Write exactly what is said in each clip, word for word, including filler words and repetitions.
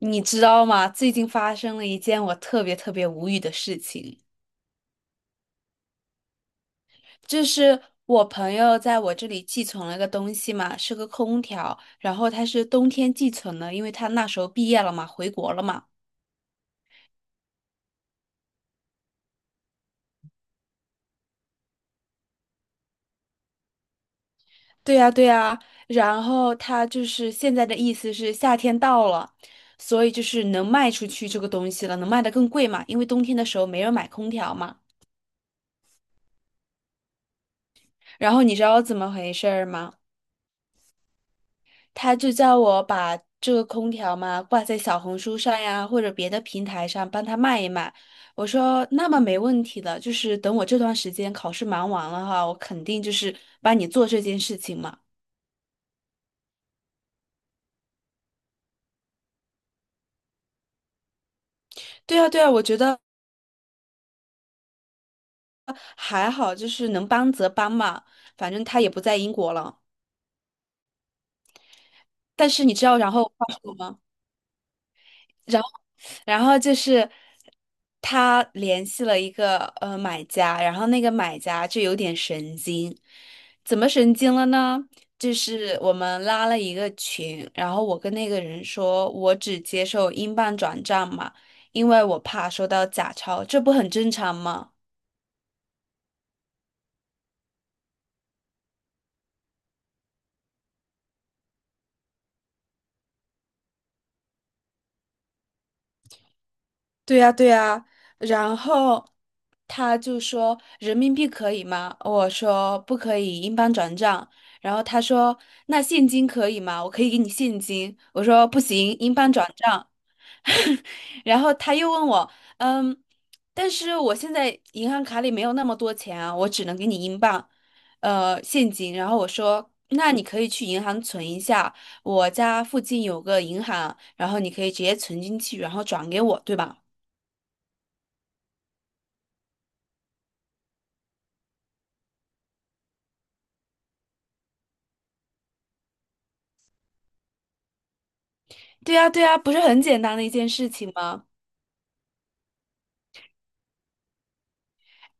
你知道吗？最近发生了一件我特别特别无语的事情，就是我朋友在我这里寄存了个东西嘛，是个空调，然后他是冬天寄存的，因为他那时候毕业了嘛，回国了嘛。对呀，对呀，然后他就是现在的意思是夏天到了，所以就是能卖出去这个东西了，能卖的更贵嘛，因为冬天的时候没人买空调嘛。然后你知道怎么回事儿吗？他就叫我把这个空调嘛挂在小红书上呀，或者别的平台上帮他卖一卖。我说那么没问题的，就是等我这段时间考试忙完了哈，我肯定就是帮你做这件事情嘛。对啊，对啊，我觉得还好，就是能帮则帮嘛，反正他也不在英国了。但是你知道然后他说什么吗？然后就是他联系了一个呃买家，然后那个买家就有点神经，怎么神经了呢？就是我们拉了一个群，然后我跟那个人说，我只接受英镑转账嘛，因为我怕收到假钞，这不很正常吗？对呀，对呀，然后他就说人民币可以吗？我说不可以，英镑转账。然后他说那现金可以吗？我可以给你现金。我说不行，英镑转账。然后他又问我，嗯，但是我现在银行卡里没有那么多钱啊，我只能给你英镑，呃，现金。然后我说那你可以去银行存一下，我家附近有个银行，然后你可以直接存进去，然后转给我，对吧？对呀，对呀，不是很简单的一件事情吗？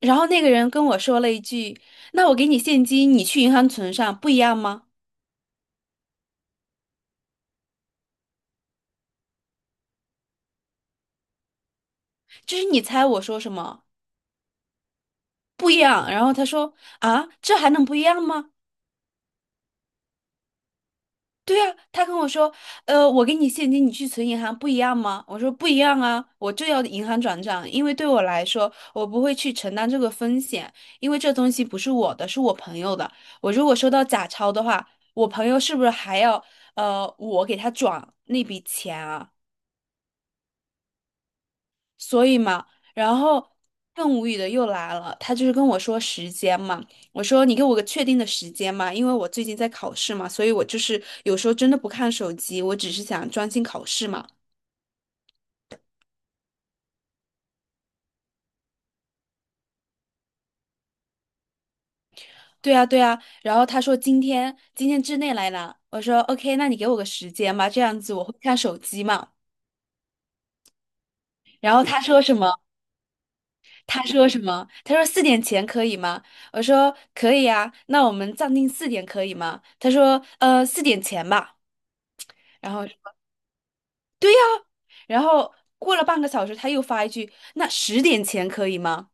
然后那个人跟我说了一句：“那我给你现金，你去银行存上，不一样吗？”就是你猜我说什么？不一样。然后他说：“啊，这还能不一样吗？”对啊，他跟我说，呃，我给你现金，你去存银行不一样吗？我说不一样啊，我就要银行转账，因为对我来说，我不会去承担这个风险，因为这东西不是我的，是我朋友的。我如果收到假钞的话，我朋友是不是还要呃我给他转那笔钱啊？所以嘛，然后更无语的又来了，他就是跟我说时间嘛，我说你给我个确定的时间嘛，因为我最近在考试嘛，所以我就是有时候真的不看手机，我只是想专心考试嘛。对啊，对啊，然后他说今天今天之内来拿，我说 OK，那你给我个时间吧，这样子我会看手机嘛。然后他说什么？他说什么？他说四点前可以吗？我说可以啊，那我们暂定四点可以吗？他说呃四点前吧。然后。然后过了半个小时，他又发一句：“那十点前可以吗？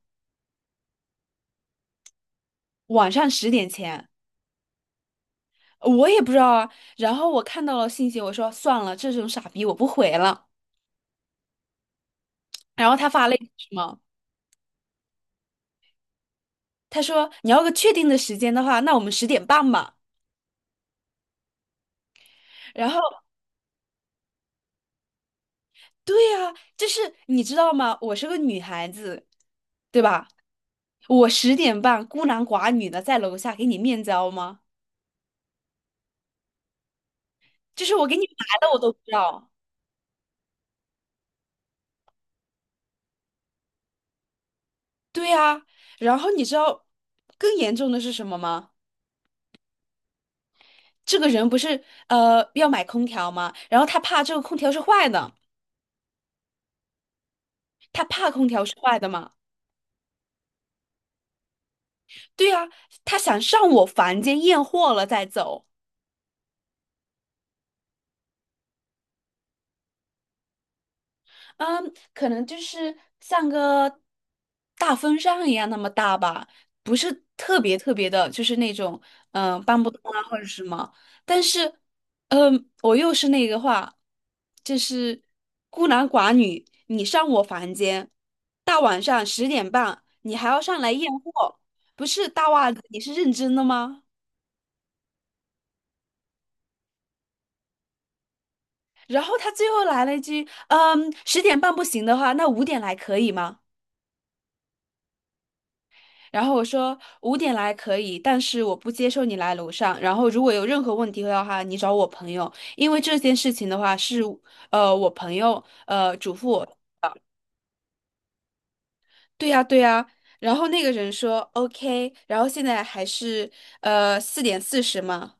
晚上十点前。”我也不知道啊。然后我看到了信息，我说算了，这种傻逼我不回了。然后他发了一句什么？他说：“你要个确定的时间的话，那我们十点半吧。”然后，对呀、就是你知道吗？我是个女孩子，对吧？我十点半孤男寡女的在楼下给你面交吗？就是我给你来了，我都不知道。对呀、然后你知道更严重的是什么吗？这个人不是呃要买空调吗？然后他怕这个空调是坏的，他怕空调是坏的嘛？对啊，他想上我房间验货了再走。嗯，可能就是像个大风扇一样那么大吧，不是特别特别的，就是那种嗯、呃搬不动啊或者什么。但是，嗯，我又是那个话，就是孤男寡女，你上我房间，大晚上十点半，你还要上来验货，不是大袜子，你是认真的吗？然后他最后来了一句，嗯，十点半不行的话，那五点来可以吗？然后我说五点来可以，但是我不接受你来楼上。然后如果有任何问题的话，你找我朋友，因为这件事情的话是呃我朋友呃嘱咐我。对呀对呀。然后那个人说 OK，然后现在还是呃四点四十嘛。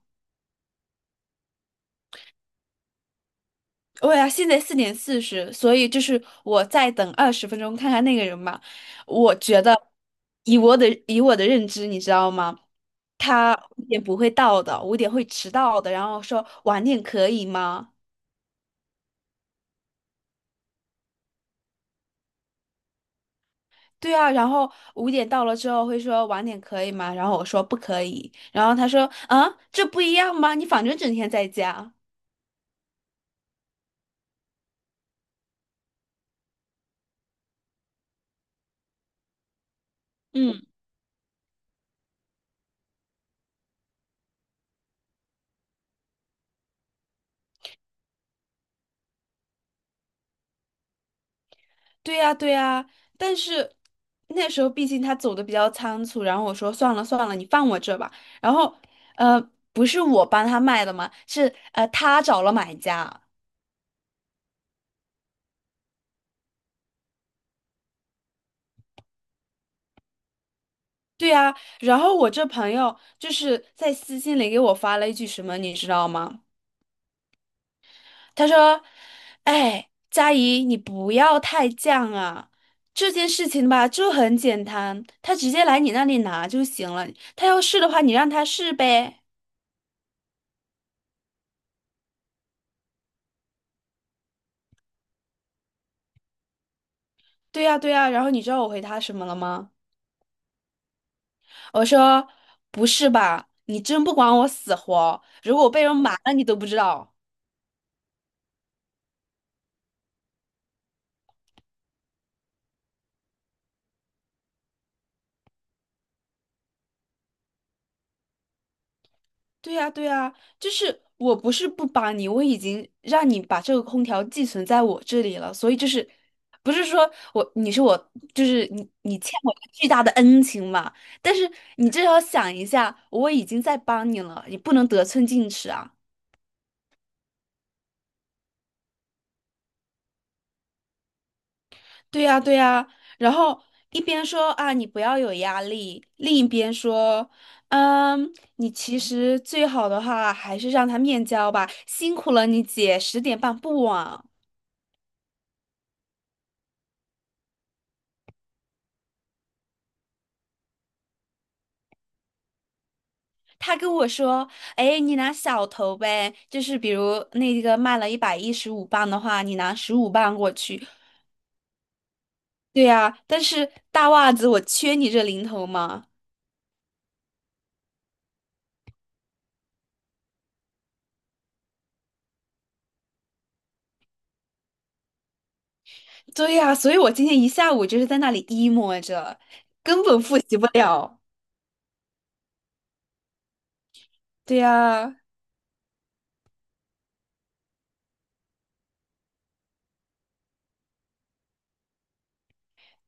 对呀，现在四点四十，所以就是我再等二十分钟看看那个人吧。我觉得以我的以我的认知，你知道吗？他五点不会到的，五点会迟到的，然后说晚点可以吗？对啊，然后五点到了之后会说晚点可以吗？然后我说不可以，然后他说啊，这不一样吗？你反正整天在家。嗯，对呀，对呀，但是那时候毕竟他走的比较仓促，然后我说算了算了，你放我这吧。然后呃，不是我帮他卖的嘛，是呃他找了买家。对呀，然后我这朋友就是在私信里给我发了一句什么，你知道吗？他说：“哎，佳怡，你不要太犟啊，这件事情吧就很简单，他直接来你那里拿就行了。他要试的话，你让他试呗。”对呀，对呀。然后你知道我回他什么了吗？我说：“不是吧，你真不管我死活，如果我被人瞒了，你都不知道。”对呀，对呀，就是我不是不帮你，我已经让你把这个空调寄存在我这里了，所以就是不是说我你是我就是你你欠我一个巨大的恩情嘛？但是你至少想一下，我已经在帮你了，你不能得寸进尺啊！对呀，对呀，然后一边说啊你不要有压力，另一边说，嗯，你其实最好的话还是让他面交吧，辛苦了你姐，十点半不晚。他跟我说：“哎，你拿小头呗，就是比如那个卖了一百一十五磅的话，你拿十五磅过去。”对呀，但是大袜子我缺你这零头吗？对呀，所以我今天一下午就是在那里 emo 着，根本复习不了。对呀，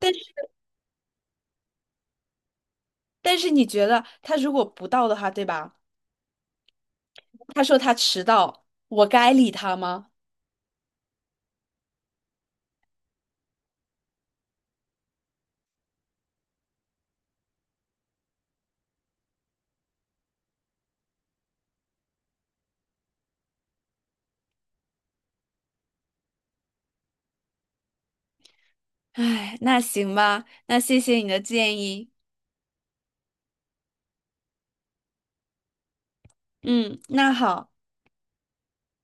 但是但是你觉得他如果不到的话，对吧？他说他迟到，我该理他吗？哎，那行吧，那谢谢你的建议。嗯，那好。